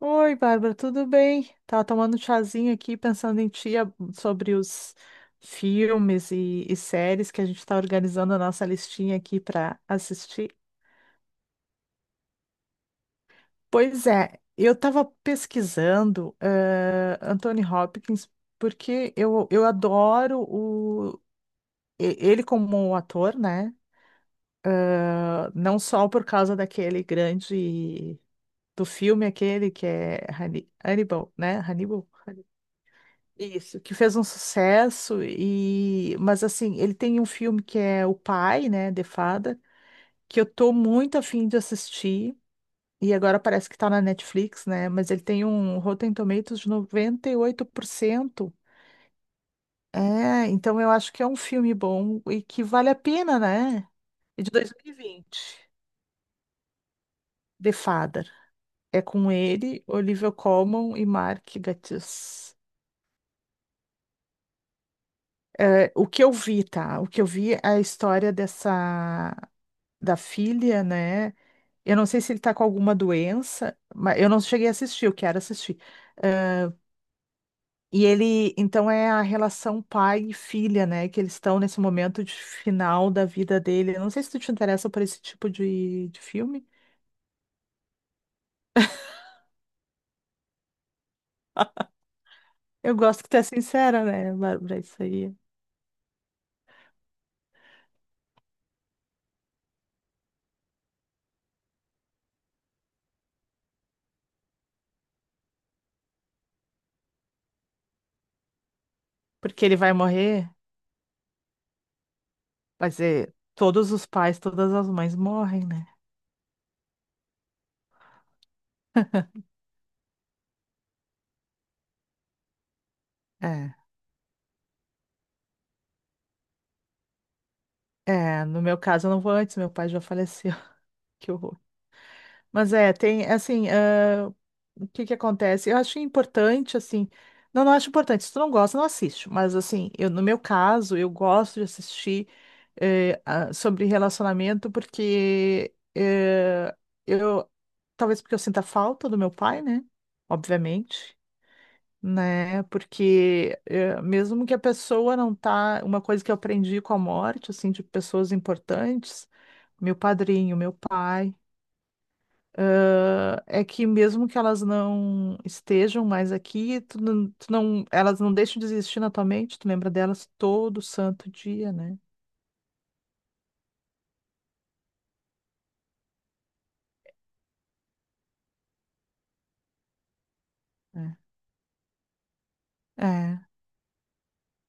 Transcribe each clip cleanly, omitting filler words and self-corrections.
Oi, Bárbara, tudo bem? Tava tomando um chazinho aqui, pensando em ti sobre os filmes e séries que a gente está organizando a nossa listinha aqui para assistir. Pois é, eu estava pesquisando Anthony Hopkins porque eu adoro ele como ator, né? Ah, não só por causa daquele grande do filme aquele que é Hannibal, né? Hannibal. Isso, que fez um sucesso e, mas assim, ele tem um filme que é O Pai, né, The Father, que eu tô muito afim de assistir e agora parece que tá na Netflix, né, mas ele tem um Rotten Tomatoes de 98%. É, então eu acho que é um filme bom e que vale a pena, né? É de 2020, The Father. É com ele, Olivia Colman e Mark Gatiss. É, o que eu vi, tá? O que eu vi é a história dessa. Da filha, né? Eu não sei se ele tá com alguma doença, mas eu não cheguei a assistir, eu quero assistir. Ah, e ele, então, é a relação pai e filha, né? Que eles estão nesse momento de final da vida dele. Eu não sei se tu te interessa por esse tipo de filme. Eu gosto que tu é sincera, né, Bárbara? Isso aí. Porque ele vai morrer, vai dizer, todos os pais, todas as mães morrem, né? É. É, no meu caso eu não vou antes, meu pai já faleceu. Que horror. Mas é, tem, assim, ah, o que que acontece? Eu acho importante, assim, não, não acho importante, se tu não gosta, não assiste, mas, assim, eu, no meu caso, eu gosto de assistir sobre relacionamento porque eu, talvez porque eu sinta falta do meu pai, né, obviamente, né, porque mesmo que a pessoa não tá, uma coisa que eu aprendi com a morte, assim, de pessoas importantes, meu padrinho, meu pai, ah, é que mesmo que elas não estejam mais aqui, tu não- elas não deixam de existir na tua mente, tu lembra delas todo santo dia, né? É. É.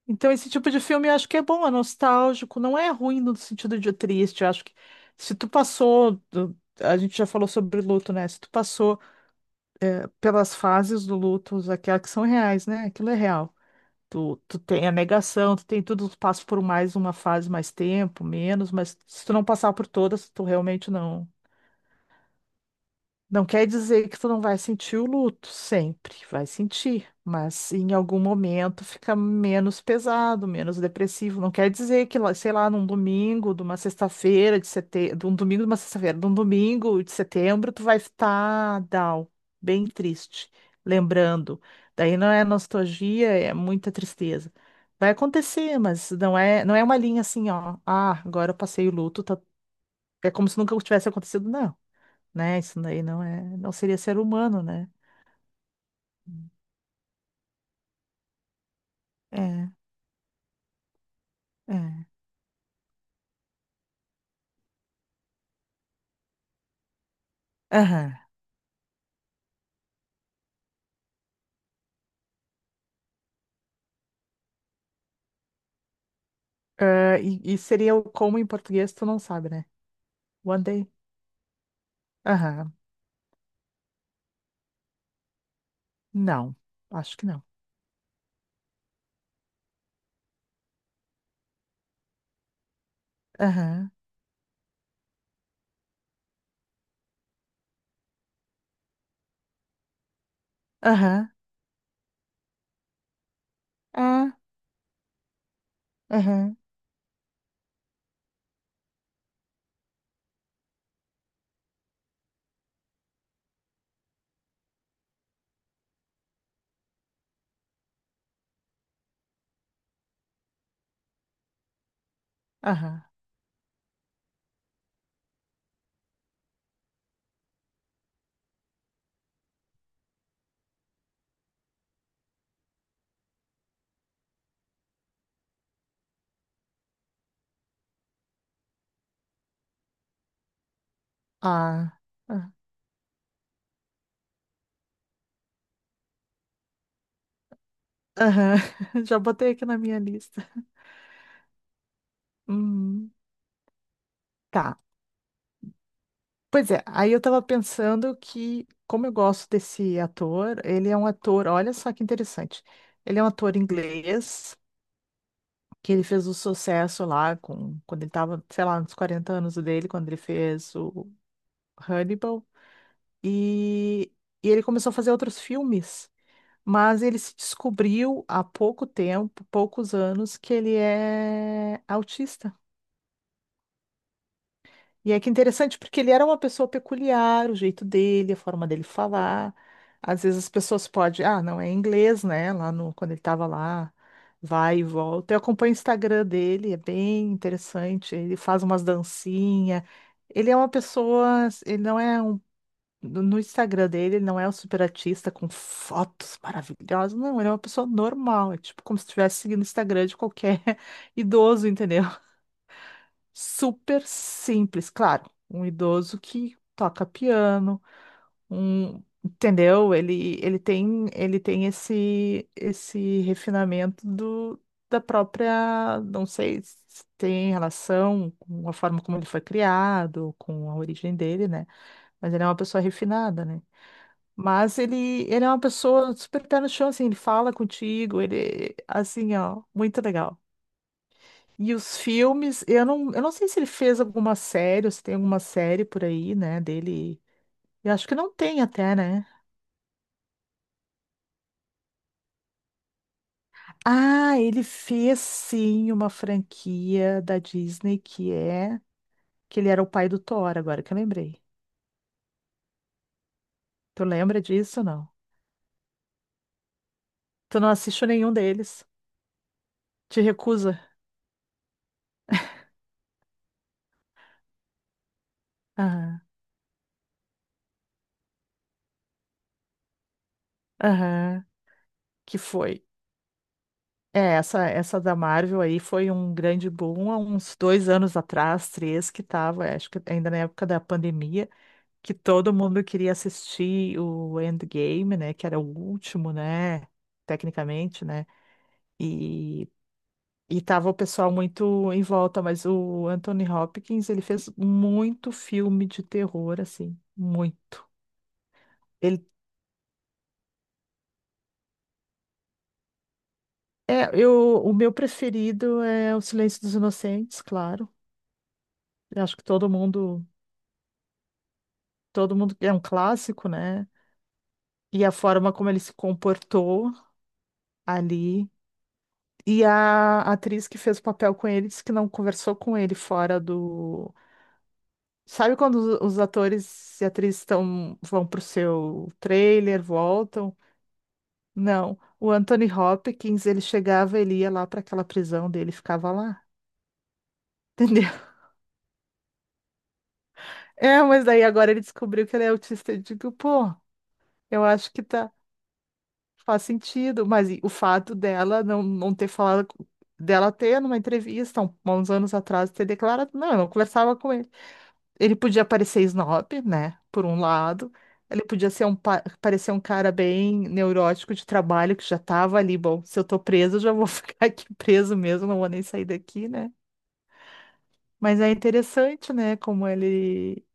Então, esse tipo de filme eu acho que é bom, é nostálgico, não é ruim no sentido de triste. Eu acho que se tu passou, do- a gente já falou sobre luto, né? Se tu passou pelas fases do luto, aquelas que são reais, né? Aquilo é real. Tu tem a negação, tu tem tudo, tu passa por mais uma fase, mais tempo, menos, mas se tu não passar por todas, tu realmente não. Não quer dizer que tu não vai sentir o luto, sempre vai sentir, mas em algum momento fica menos pesado, menos depressivo. Não quer dizer que, lá- sei lá, num domingo, de uma sexta-feira de setembro, de um domingo, de uma sexta-feira, de um domingo de setembro, tu vai estar down, bem triste, lembrando. Daí não é nostalgia, é muita tristeza. Vai acontecer, mas não é, não é uma linha assim, ó. Ah, agora eu passei o luto, tá- é como se nunca tivesse acontecido, não né? Isso daí não é, não seria ser humano, né? É, é. Aham. Ah, e seria o como em português, tu não sabe, né? One Day. Aham. Não. Acho que não. Aham. Aham. Ah. Aham. Aham. Ah. Ah. Aham. Já botei aqui na minha lista. Hum, tá. Pois é, aí eu tava pensando que, como eu gosto desse ator, ele é um ator, olha só que interessante. Ele é um ator inglês. Que ele fez o sucesso lá com quando ele tava, sei lá, nos 40 anos dele, quando ele fez o Hannibal e, e ele começou a fazer outros filmes, mas ele se descobriu há pouco tempo, poucos anos, que ele é autista. E é que interessante, porque ele era uma pessoa peculiar, o jeito dele, a forma dele falar. Às vezes as pessoas podem, ah, não é inglês, né? Lá no, quando ele estava lá, vai e volta. Eu acompanho o Instagram dele, é bem interessante. Ele faz umas dancinhas. Ele é uma pessoa, ele não é um. No Instagram dele, ele não é um super artista com fotos maravilhosas. Não, ele é uma pessoa normal. É tipo como se estivesse seguindo o Instagram de qualquer idoso, entendeu? Super simples, claro. Um idoso que toca piano, um, entendeu? Ele tem esse, esse refinamento da própria, não sei se tem relação com a forma como ele foi criado, com a origem dele, né? Mas ele é uma pessoa refinada, né? Mas ele é uma pessoa super pé no chão, assim, ele fala contigo, ele, assim, ó, muito legal. E os filmes, eu não sei se ele fez alguma série, ou se tem alguma série por aí, né, dele. Eu acho que não tem até, né? Ah, ele fez sim uma franquia da Disney que é que ele era o pai do Thor, agora que eu lembrei. Tu lembra disso ou não? Tu não assiste nenhum deles? Te recusa? Aham. Aham. Que foi. É, essa da Marvel aí foi um grande boom há uns 2 anos atrás, três, que tava, acho que ainda na época da pandemia. Que todo mundo queria assistir o Endgame, né? Que era o último, né? Tecnicamente, né? E, e tava o pessoal muito em volta, mas o Anthony Hopkins, ele fez muito filme de terror, assim, muito. Ele é, eu, o meu preferido é O Silêncio dos Inocentes, claro. Eu acho que todo mundo é um clássico, né? E a forma como ele se comportou ali. E a atriz que fez o papel com ele disse que não conversou com ele fora do. Sabe quando os atores e atrizes estão, vão pro seu trailer, voltam? Não. O Anthony Hopkins, ele chegava, ele ia lá para aquela prisão dele, ficava lá. Entendeu? É, mas daí agora ele descobriu que ele é autista. Eu digo, pô, eu acho que tá, faz sentido. Mas e o fato dela não, não ter falado, dela ter numa entrevista, uns anos atrás, ter declarado, não, eu não conversava com ele. Ele podia parecer snob, né? Por um lado. Ele podia ser um, parecer um cara bem neurótico de trabalho, que já tava ali, bom, se eu tô preso, eu já vou ficar aqui preso mesmo, não vou nem sair daqui, né? Mas é interessante, né? Como ele.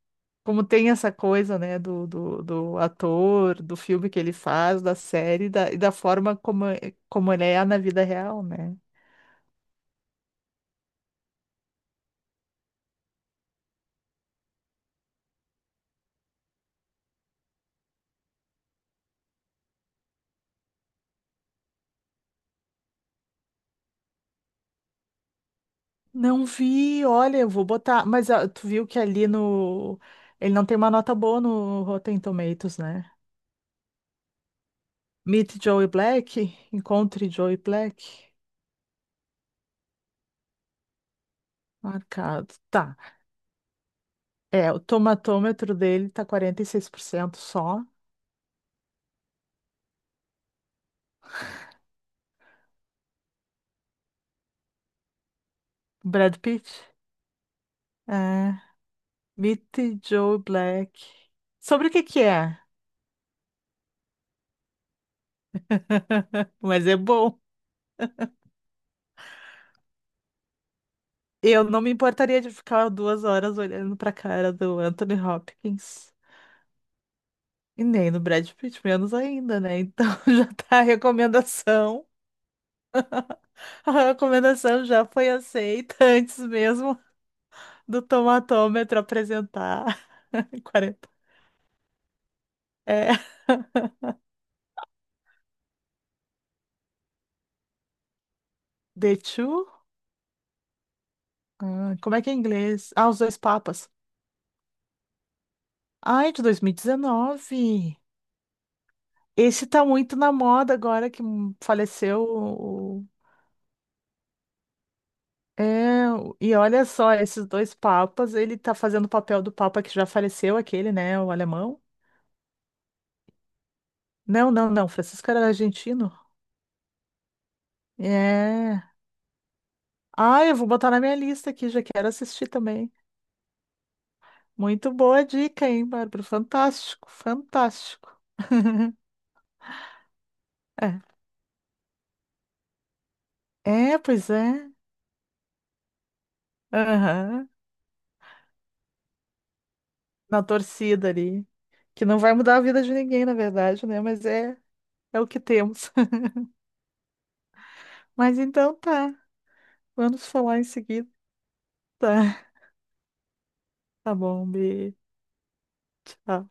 Como tem essa coisa, né? Do ator, do filme que ele faz, da série, da, e da forma como, como ele é na vida real, né? Não vi, olha, eu vou botar. Mas ah, tu viu que ali no. Ele não tem uma nota boa no Rotten Tomatoes, né? Meet Joey Black, encontre Joey Black, marcado. Tá. É, o tomatômetro dele tá 46% só. Brad Pitt. É, Meet Joey Black. Sobre o que que é? Mas é bom. Eu não me importaria de ficar 2 horas olhando pra cara do Anthony Hopkins. E nem do Brad Pitt, menos ainda, né? Então já tá a recomendação. A recomendação já foi aceita antes mesmo. Do tomatômetro apresentar 40. É, The Two? Ah, como é que é em inglês? Ah, Os Dois Papas. Ai, de 2019. Esse tá muito na moda agora que faleceu. É, e olha só, esses dois papas, ele tá fazendo o papel do papa que já faleceu, aquele, né, o alemão. Não, não, não, Francisco era argentino. É. Ah, eu vou botar na minha lista aqui, já quero assistir também. Muito boa dica, hein, Bárbara? Fantástico, fantástico. É, é, pois é. Aham. Na torcida ali. Que não vai mudar a vida de ninguém, na verdade, né? Mas é, é o que temos. Mas então tá. Vamos falar em seguida. Tá bom, beijo. Tchau.